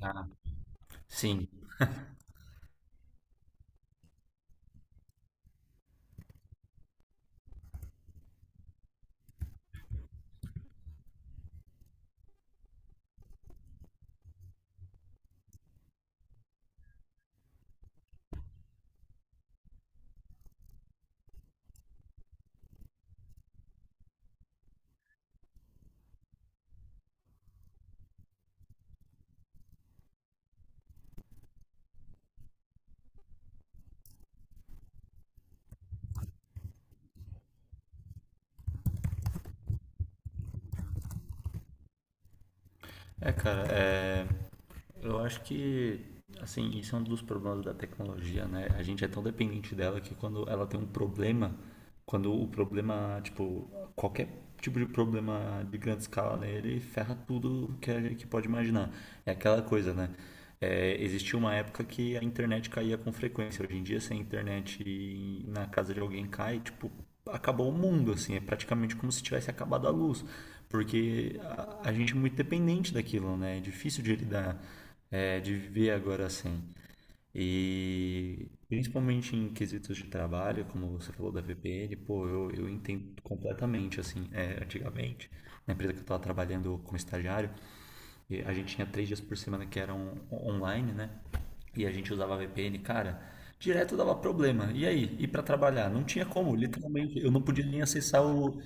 Ah, sim. É, cara, é, eu acho que, assim, isso é um dos problemas da tecnologia, né? A gente é tão dependente dela que quando ela tem um problema, tipo, qualquer tipo de problema de grande escala, né, ele ferra tudo que, que pode imaginar. É aquela coisa, né? É, existia uma época que a internet caía com frequência. Hoje em dia, se a internet na casa de alguém cai, tipo, acabou o mundo, assim. É praticamente como se tivesse acabado a luz. Porque a gente é muito dependente daquilo, né? É difícil de lidar, é, de viver agora assim. E principalmente em quesitos de trabalho, como você falou da VPN, pô, eu entendo completamente, assim, é, antigamente, na empresa que eu estava trabalhando como estagiário, e a gente tinha 3 dias por semana que eram online, né? E a gente usava VPN, cara. Direto dava problema. E aí? Ir para trabalhar? Não tinha como, literalmente. Eu não podia nem acessar o,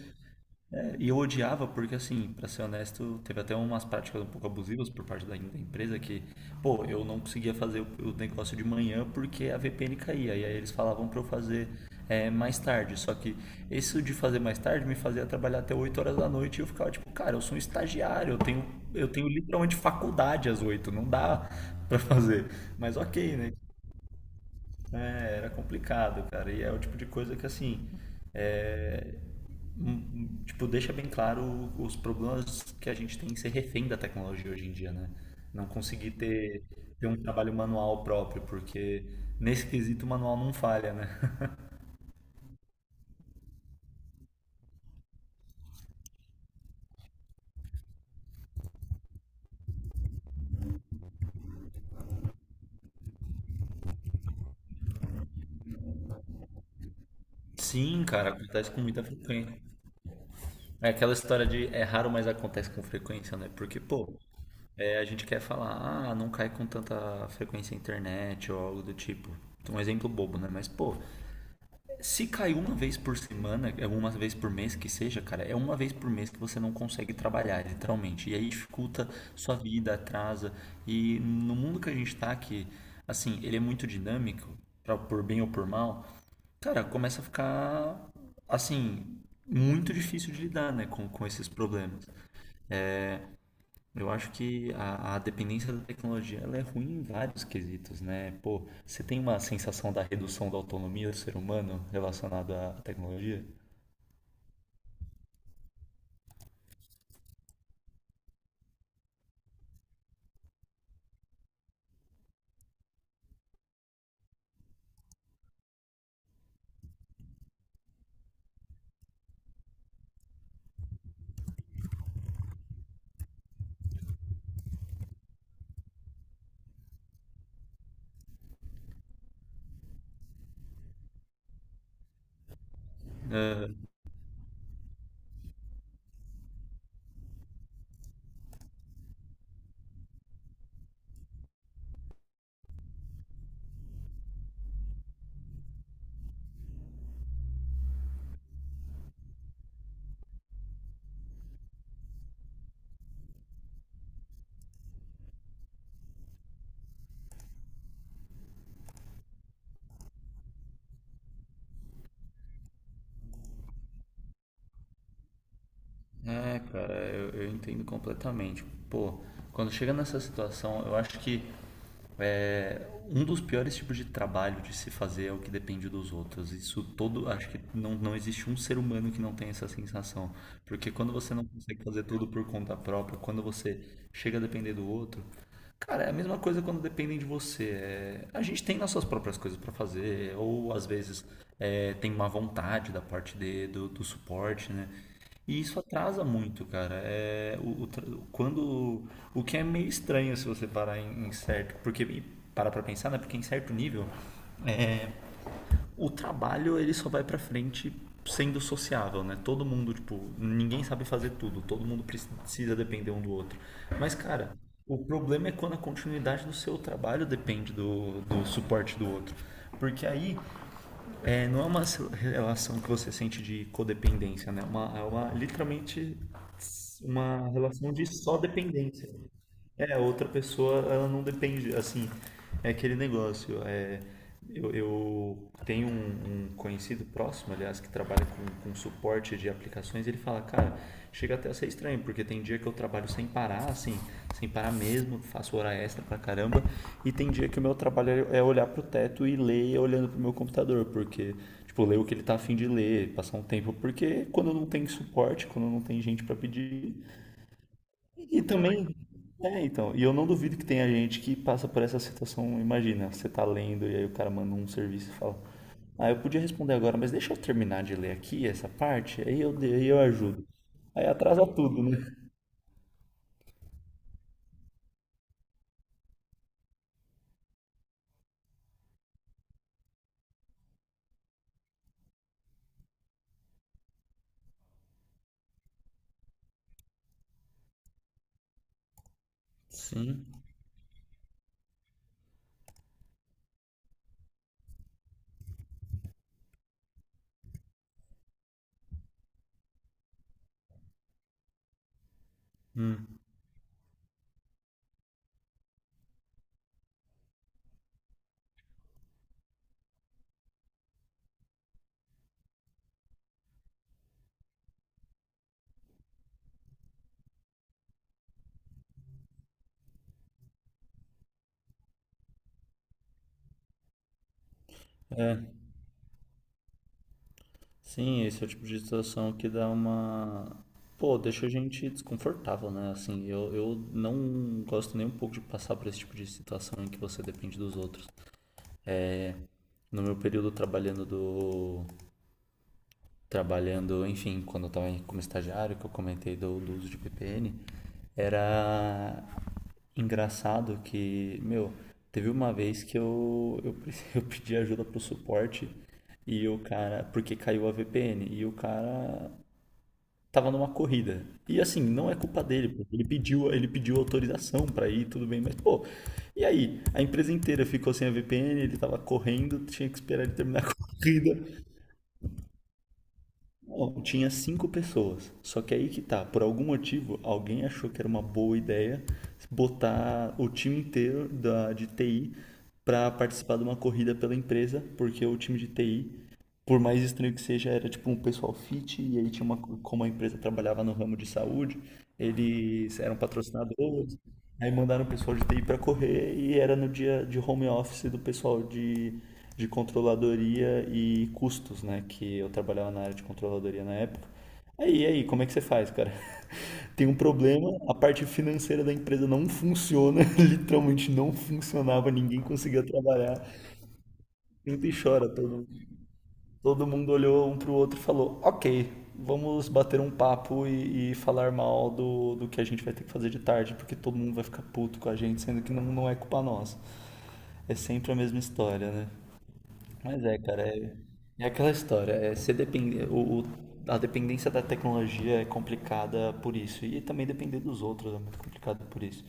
é, e eu odiava porque, assim, pra ser honesto, teve até umas práticas um pouco abusivas por parte da empresa que, pô, eu não conseguia fazer o negócio de manhã porque a VPN caía. E aí eles falavam pra eu fazer mais tarde. Só que isso de fazer mais tarde me fazia trabalhar até 20h e eu ficava tipo, cara, eu sou um estagiário, eu tenho literalmente faculdade às 8 não dá pra fazer. Mas ok, né? É, era complicado, cara. E é o tipo de coisa que, assim, é, um, tipo, deixa bem claro os problemas que a gente tem em ser refém da tecnologia hoje em dia, né? Não conseguir ter, ter um trabalho manual próprio, porque nesse quesito o manual não falha, né? Sim, cara, acontece com muita frequência. É aquela história de é raro, mas acontece com frequência, né? Porque, pô, é, a gente quer falar, ah, não cai com tanta frequência a internet ou algo do tipo. Um exemplo bobo, né? Mas, pô, se cai uma vez por semana, é uma vez por mês que seja, cara, é uma vez por mês que você não consegue trabalhar, literalmente. E aí dificulta sua vida, atrasa. E no mundo que a gente tá, que, assim, ele é muito dinâmico, pra, por bem ou por mal, cara, começa a ficar, assim, muito difícil de lidar, né, com esses problemas. Eu acho que a dependência da tecnologia ela é ruim em vários quesitos, né? Pô, você tem uma sensação da redução da autonomia do ser humano relacionada à tecnologia? É, cara, eu entendo completamente. Pô, quando chega nessa situação, eu acho que é, um dos piores tipos de trabalho de se fazer é o que depende dos outros. Isso todo, acho que não, não existe um ser humano que não tenha essa sensação. Porque quando você não consegue fazer tudo por conta própria, quando você chega a depender do outro, cara, é a mesma coisa quando dependem de você. É, a gente tem nossas próprias coisas para fazer, ou às vezes é, tem má vontade da parte de, do suporte, né? E isso atrasa muito, cara. É, quando, o que é meio estranho se você parar em certo, porque e para pra pensar, né? Porque em certo nível, o trabalho ele só vai para frente sendo sociável, né? Todo mundo, tipo, ninguém sabe fazer tudo, todo mundo precisa depender um do outro. Mas, cara, o problema é quando a continuidade do seu trabalho depende do suporte do outro. Porque aí é, não é uma relação que você sente de codependência, né? É uma literalmente uma relação de só dependência. É, a outra pessoa, ela não depende, assim, é aquele negócio. É, eu tenho um, um conhecido próximo, aliás, que trabalha com suporte de aplicações, e ele fala, cara, chega até a ser estranho, porque tem dia que eu trabalho sem parar, assim, sem parar mesmo, faço hora extra pra caramba, e tem dia que o meu trabalho é olhar pro teto e ler olhando pro meu computador, porque, tipo, ler o que ele tá afim de ler, passar um tempo, porque quando não tem suporte, quando não tem gente pra pedir, e também, é, então, e eu não duvido que tenha gente que passa por essa situação, imagina, você tá lendo e aí o cara manda um serviço e fala, ah, eu podia responder agora, mas deixa eu terminar de ler aqui essa parte, aí eu ajudo. Aí atrasa tudo, né? Sim, sim, esse é o tipo de situação que dá uma. Pô, deixa a gente desconfortável, né? Assim, eu não gosto nem um pouco de passar por esse tipo de situação em que você depende dos outros. No meu período trabalhando, enfim, quando eu estava como estagiário, que eu comentei do, do uso de VPN, era engraçado que, meu, teve uma vez que eu pedi ajuda pro suporte e o cara, porque caiu a VPN, e o cara tava numa corrida. E assim, não é culpa dele, porque ele pediu autorização para ir, tudo bem, mas pô, e aí? A empresa inteira ficou sem a VPN, ele tava correndo, tinha que esperar ele terminar a corrida. Bom, tinha 5 pessoas. Só que aí que tá, por algum motivo, alguém achou que era uma boa ideia botar o time inteiro da, de TI para participar de uma corrida pela empresa, porque o time de TI, por mais estranho que seja, era tipo um pessoal fit, e aí tinha uma, como a empresa trabalhava no ramo de saúde, eles eram patrocinadores. Aí mandaram o pessoal de TI para correr e era no dia de home office do pessoal de controladoria e custos, né? Que eu trabalhava na área de controladoria na época. Aí, e aí, como é que você faz, cara? Tem um problema, a parte financeira da empresa não funciona, literalmente não funcionava, ninguém conseguia trabalhar. Senta e chora, todo mundo olhou um pro outro e falou: Ok, vamos bater um papo e falar mal do que a gente vai ter que fazer de tarde, porque todo mundo vai ficar puto com a gente, sendo que não é culpa nossa. É sempre a mesma história, né? Mas é, cara, é, é aquela história. É ser depende a dependência da tecnologia é complicada por isso. E também depender dos outros é muito complicado por isso.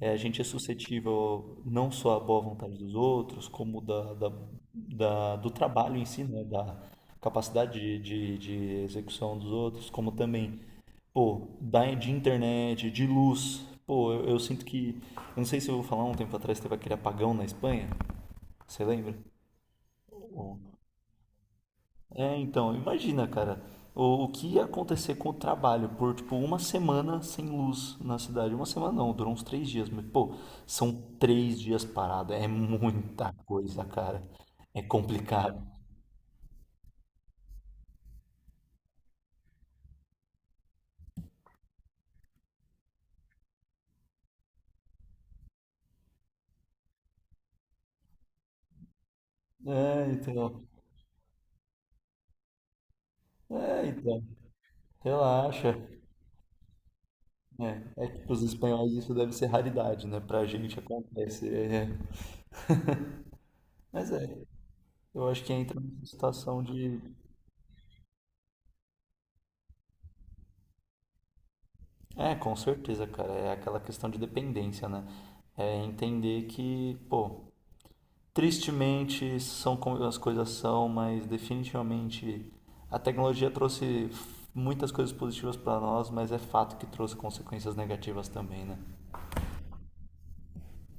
É, a gente é suscetível não só à boa vontade dos outros, como do trabalho em si, né? Da capacidade de, de execução dos outros, como também, pô, da, de internet, de luz. Pô, eu sinto que. Eu não sei se eu vou falar um tempo atrás, teve aquele apagão na Espanha. Você lembra? É, então, imagina, cara, o que ia acontecer com o trabalho por, tipo, uma semana sem luz na cidade. Uma semana não, durou uns 3 dias, mas, pô, são 3 dias parado, é muita coisa, cara. É complicado. É, então, é, então, relaxa. É, é que pros espanhóis isso deve ser raridade, né? Pra gente acontece. É. Mas é, eu acho que entra nessa situação de. É, com certeza, cara. É aquela questão de dependência, né? É entender que, pô, tristemente são como as coisas são, mas definitivamente a tecnologia trouxe muitas coisas positivas para nós, mas é fato que trouxe consequências negativas também, né?